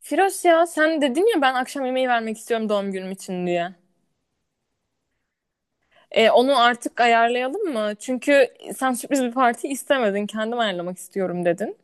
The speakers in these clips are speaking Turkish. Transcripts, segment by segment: Firoz, ya sen dedin ya, ben akşam yemeği vermek istiyorum doğum günüm için diye. Onu artık ayarlayalım mı? Çünkü sen sürpriz bir parti istemedin. Kendim ayarlamak istiyorum dedin.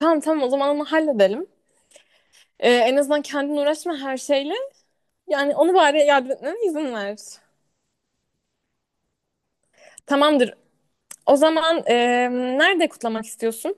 Tamam tamam, o zaman onu halledelim. En azından kendin uğraşma her şeyle. Yani onu bari yardım etmene izin ver. Tamamdır. O zaman nerede kutlamak istiyorsun?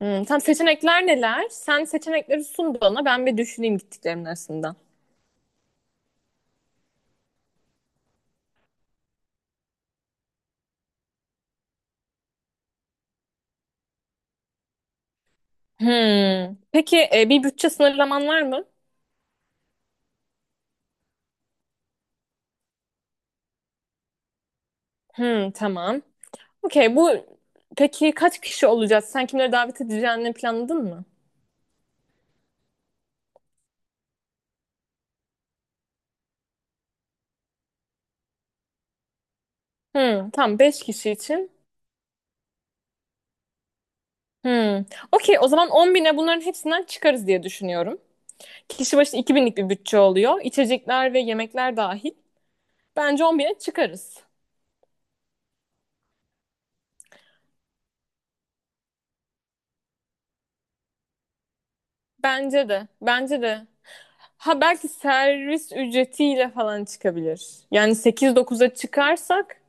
Hmm, tam seçenekler neler? Sen seçenekleri sun bana. Ben bir düşüneyim gittiklerimin arasından. Hmm. Peki bir bütçe sınırlaman var mı? Hmm, tamam. Okey, bu peki, kaç kişi olacağız? Sen kimleri davet edeceğini planladın mı? Hmm, tamam, 5 kişi için. Hmm. Okey, o zaman 10 bine bunların hepsinden çıkarız diye düşünüyorum. Kişi başı 2 binlik bir bütçe oluyor. İçecekler ve yemekler dahil. Bence 10 bine çıkarız. Bence de. Bence de. Ha, belki servis ücretiyle falan çıkabilir. Yani sekiz dokuz'a çıkarsak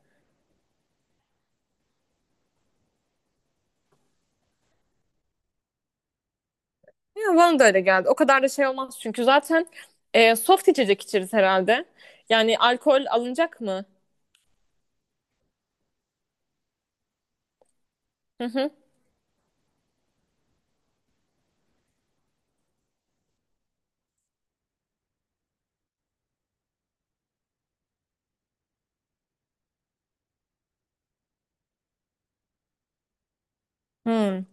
ya, bana da öyle geldi. O kadar da şey olmaz çünkü zaten soft içecek içeriz herhalde. Yani alkol alınacak mı? Hı hı. Hmm.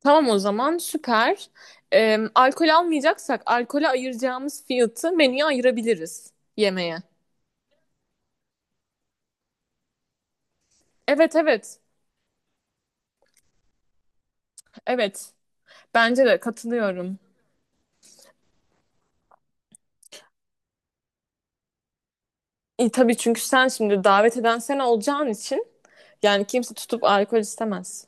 Tamam o zaman, süper. Alkol almayacaksak alkole ayıracağımız fiyatı menüye ayırabiliriz yemeğe. Evet evet. Evet. Bence de, katılıyorum. E, tabii, çünkü sen şimdi davet eden sen olacağın için yani kimse tutup alkol istemez.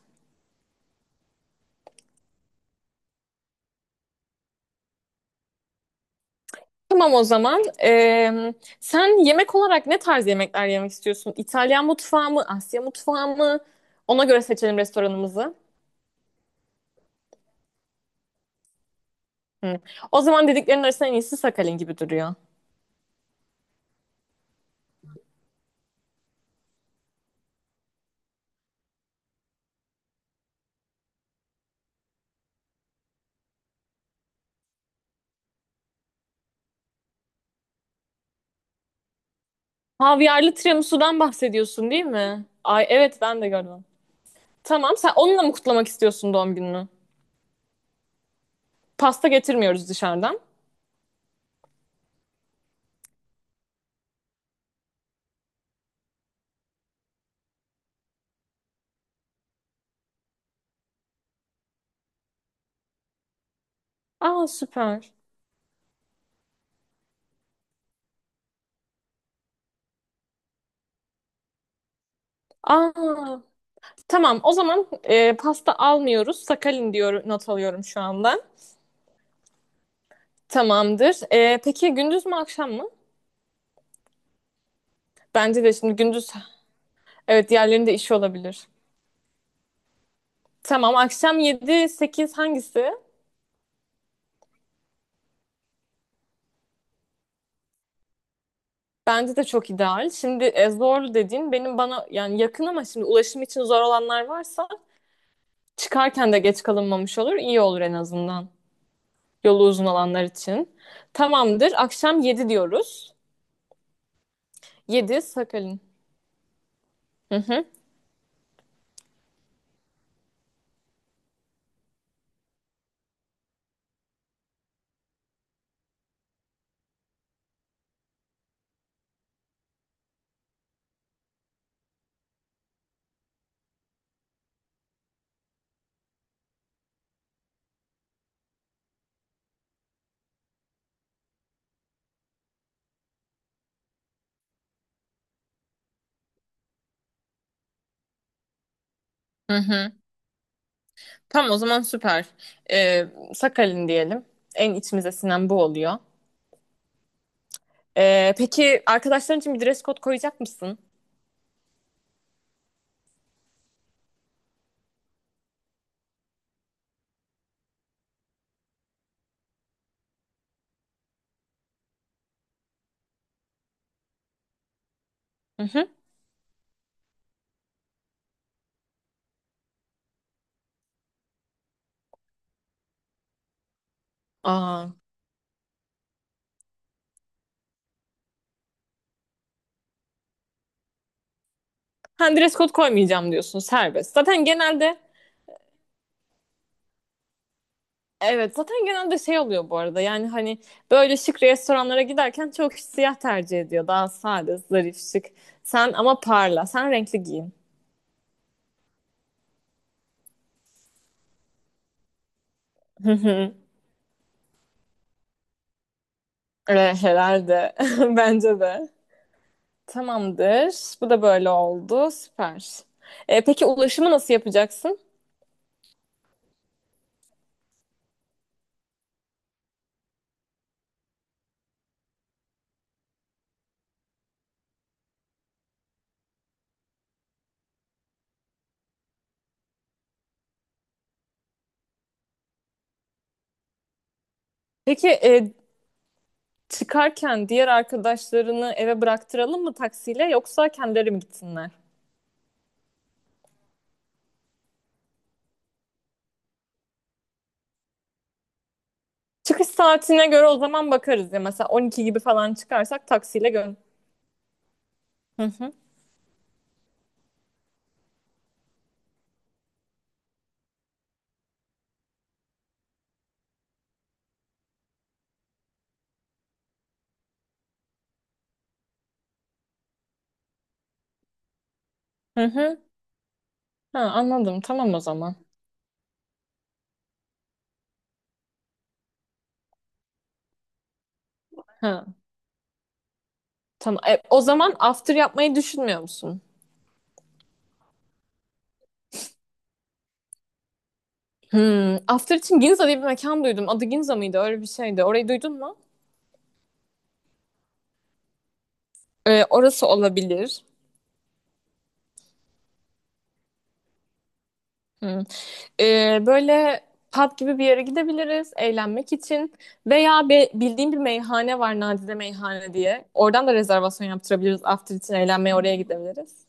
Tamam o zaman. Sen yemek olarak ne tarz yemekler yemek istiyorsun? İtalyan mutfağı mı? Asya mutfağı mı? Ona göre seçelim restoranımızı. Hı. O zaman dediklerin arasında en iyisi Sakalin gibi duruyor. Havyarlı tiramisu'dan bahsediyorsun değil mi? Ay evet, ben de gördüm. Tamam, sen onunla mı kutlamak istiyorsun doğum gününü? Pasta getirmiyoruz dışarıdan. Aa, süper. Aa, tamam, o zaman pasta almıyoruz. Sakalin diyor, not alıyorum şu anda. Tamamdır. Peki, gündüz mü akşam mı? Bence de şimdi gündüz, evet, diğerlerinde işi olabilir. Tamam, akşam yedi sekiz hangisi? Bence de çok ideal. Şimdi zorlu dediğin benim bana yani yakın ama şimdi ulaşım için zor olanlar varsa çıkarken de geç kalınmamış olur. İyi olur en azından. Yolu uzun olanlar için. Tamamdır. Akşam 7 diyoruz. Yedi Sakalin. Hı hı. Hı hı. Tamam o zaman, süper. Ee, Sakalin diyelim. En içimize sinen bu oluyor. Peki, arkadaşların için bir dress code koyacak mısın? Hı hı. Aa. Ha, dress code koymayacağım diyorsun, serbest. Zaten genelde evet, zaten genelde şey oluyor bu arada, yani hani böyle şık restoranlara giderken çok kişi siyah tercih ediyor, daha sade, zarif, şık. Sen ama parla, sen renkli giyin. Hı hı. Herhalde bence de tamamdır, bu da böyle oldu, süper. Peki, ulaşımı nasıl yapacaksın? Peki çıkarken diğer arkadaşlarını eve bıraktıralım mı taksiyle, yoksa kendileri mi gitsinler? Çıkış saatine göre o zaman bakarız ya, mesela 12 gibi falan çıkarsak taksiyle gö. Hı hı. Hı hı. Ha, anladım. Tamam o zaman. Ha, tamam. O zaman after yapmayı düşünmüyor musun? Hmm. After için Ginza diye bir mekan duydum. Adı Ginza mıydı? Öyle bir şeydi. Orayı duydun mu? Orası olabilir. Hmm. Böyle pub gibi bir yere gidebiliriz eğlenmek için. Veya bildiğim bir meyhane var, Nadide Meyhane diye. Oradan da rezervasyon yaptırabiliriz. After için eğlenmeye oraya gidebiliriz.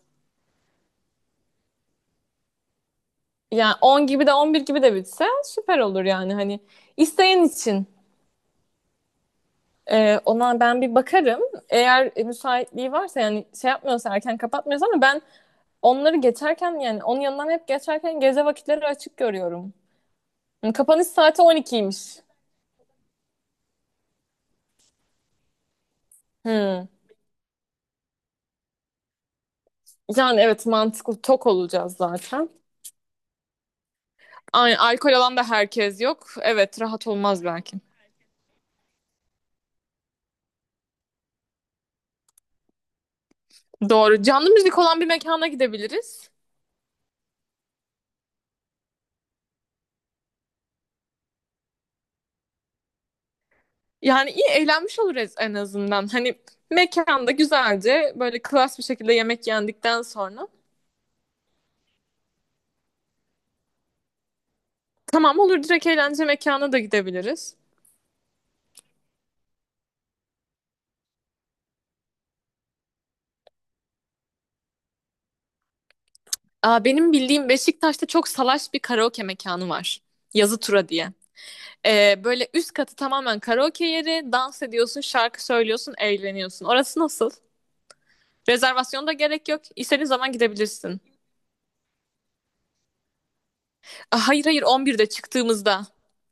Yani 10 gibi de 11 gibi de bitse süper olur yani. Hani isteyen için. Ona ben bir bakarım. Eğer müsaitliği varsa, yani şey yapmıyorsa, erken kapatmıyorsa, ama ben onları geçerken, yani onun yanından hep geçerken gece vakitleri açık görüyorum. Yani kapanış saati 12'ymiş. Hmm. Yani evet, mantıklı, tok olacağız zaten. Aynen, alkol alan da herkes yok. Evet, rahat olmaz belki. Doğru. Canlı müzik olan bir mekana gidebiliriz. Yani iyi eğlenmiş oluruz en azından. Hani mekanda güzelce böyle klas bir şekilde yemek yendikten sonra tamam, olur, direkt eğlence mekanına da gidebiliriz. Aa, benim bildiğim Beşiktaş'ta çok salaş bir karaoke mekanı var. Yazı Tura diye. Böyle üst katı tamamen karaoke yeri. Dans ediyorsun, şarkı söylüyorsun, eğleniyorsun. Orası nasıl? Rezervasyona da gerek yok. İstediğin zaman gidebilirsin. Aa, hayır hayır, 11'de çıktığımızda.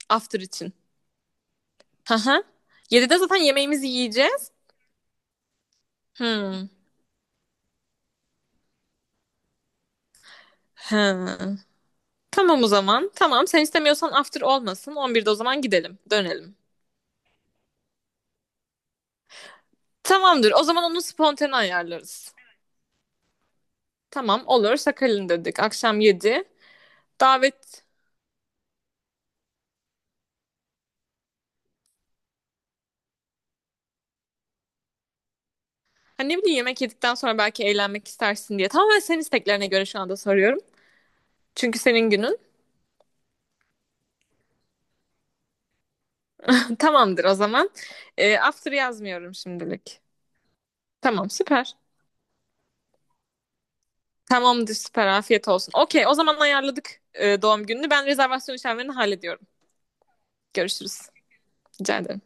After için. Hı hı. 7'de zaten yemeğimizi yiyeceğiz. Hmm. Hı. Tamam o zaman. Tamam, sen istemiyorsan after olmasın. 11'de o zaman gidelim. Dönelim. Tamamdır. O zaman onu spontane ayarlarız. Tamam, olur. Sakalin dedik. Akşam 7. Davet. Hani ne bileyim, yemek yedikten sonra belki eğlenmek istersin diye. Tamamen senin isteklerine göre şu anda soruyorum. Çünkü senin günün. Tamamdır o zaman. After yazmıyorum şimdilik. Tamam, süper. Tamamdır, süper. Afiyet olsun. Okey, o zaman ayarladık doğum gününü. Ben rezervasyon işlemlerini hallediyorum. Görüşürüz. Rica ederim.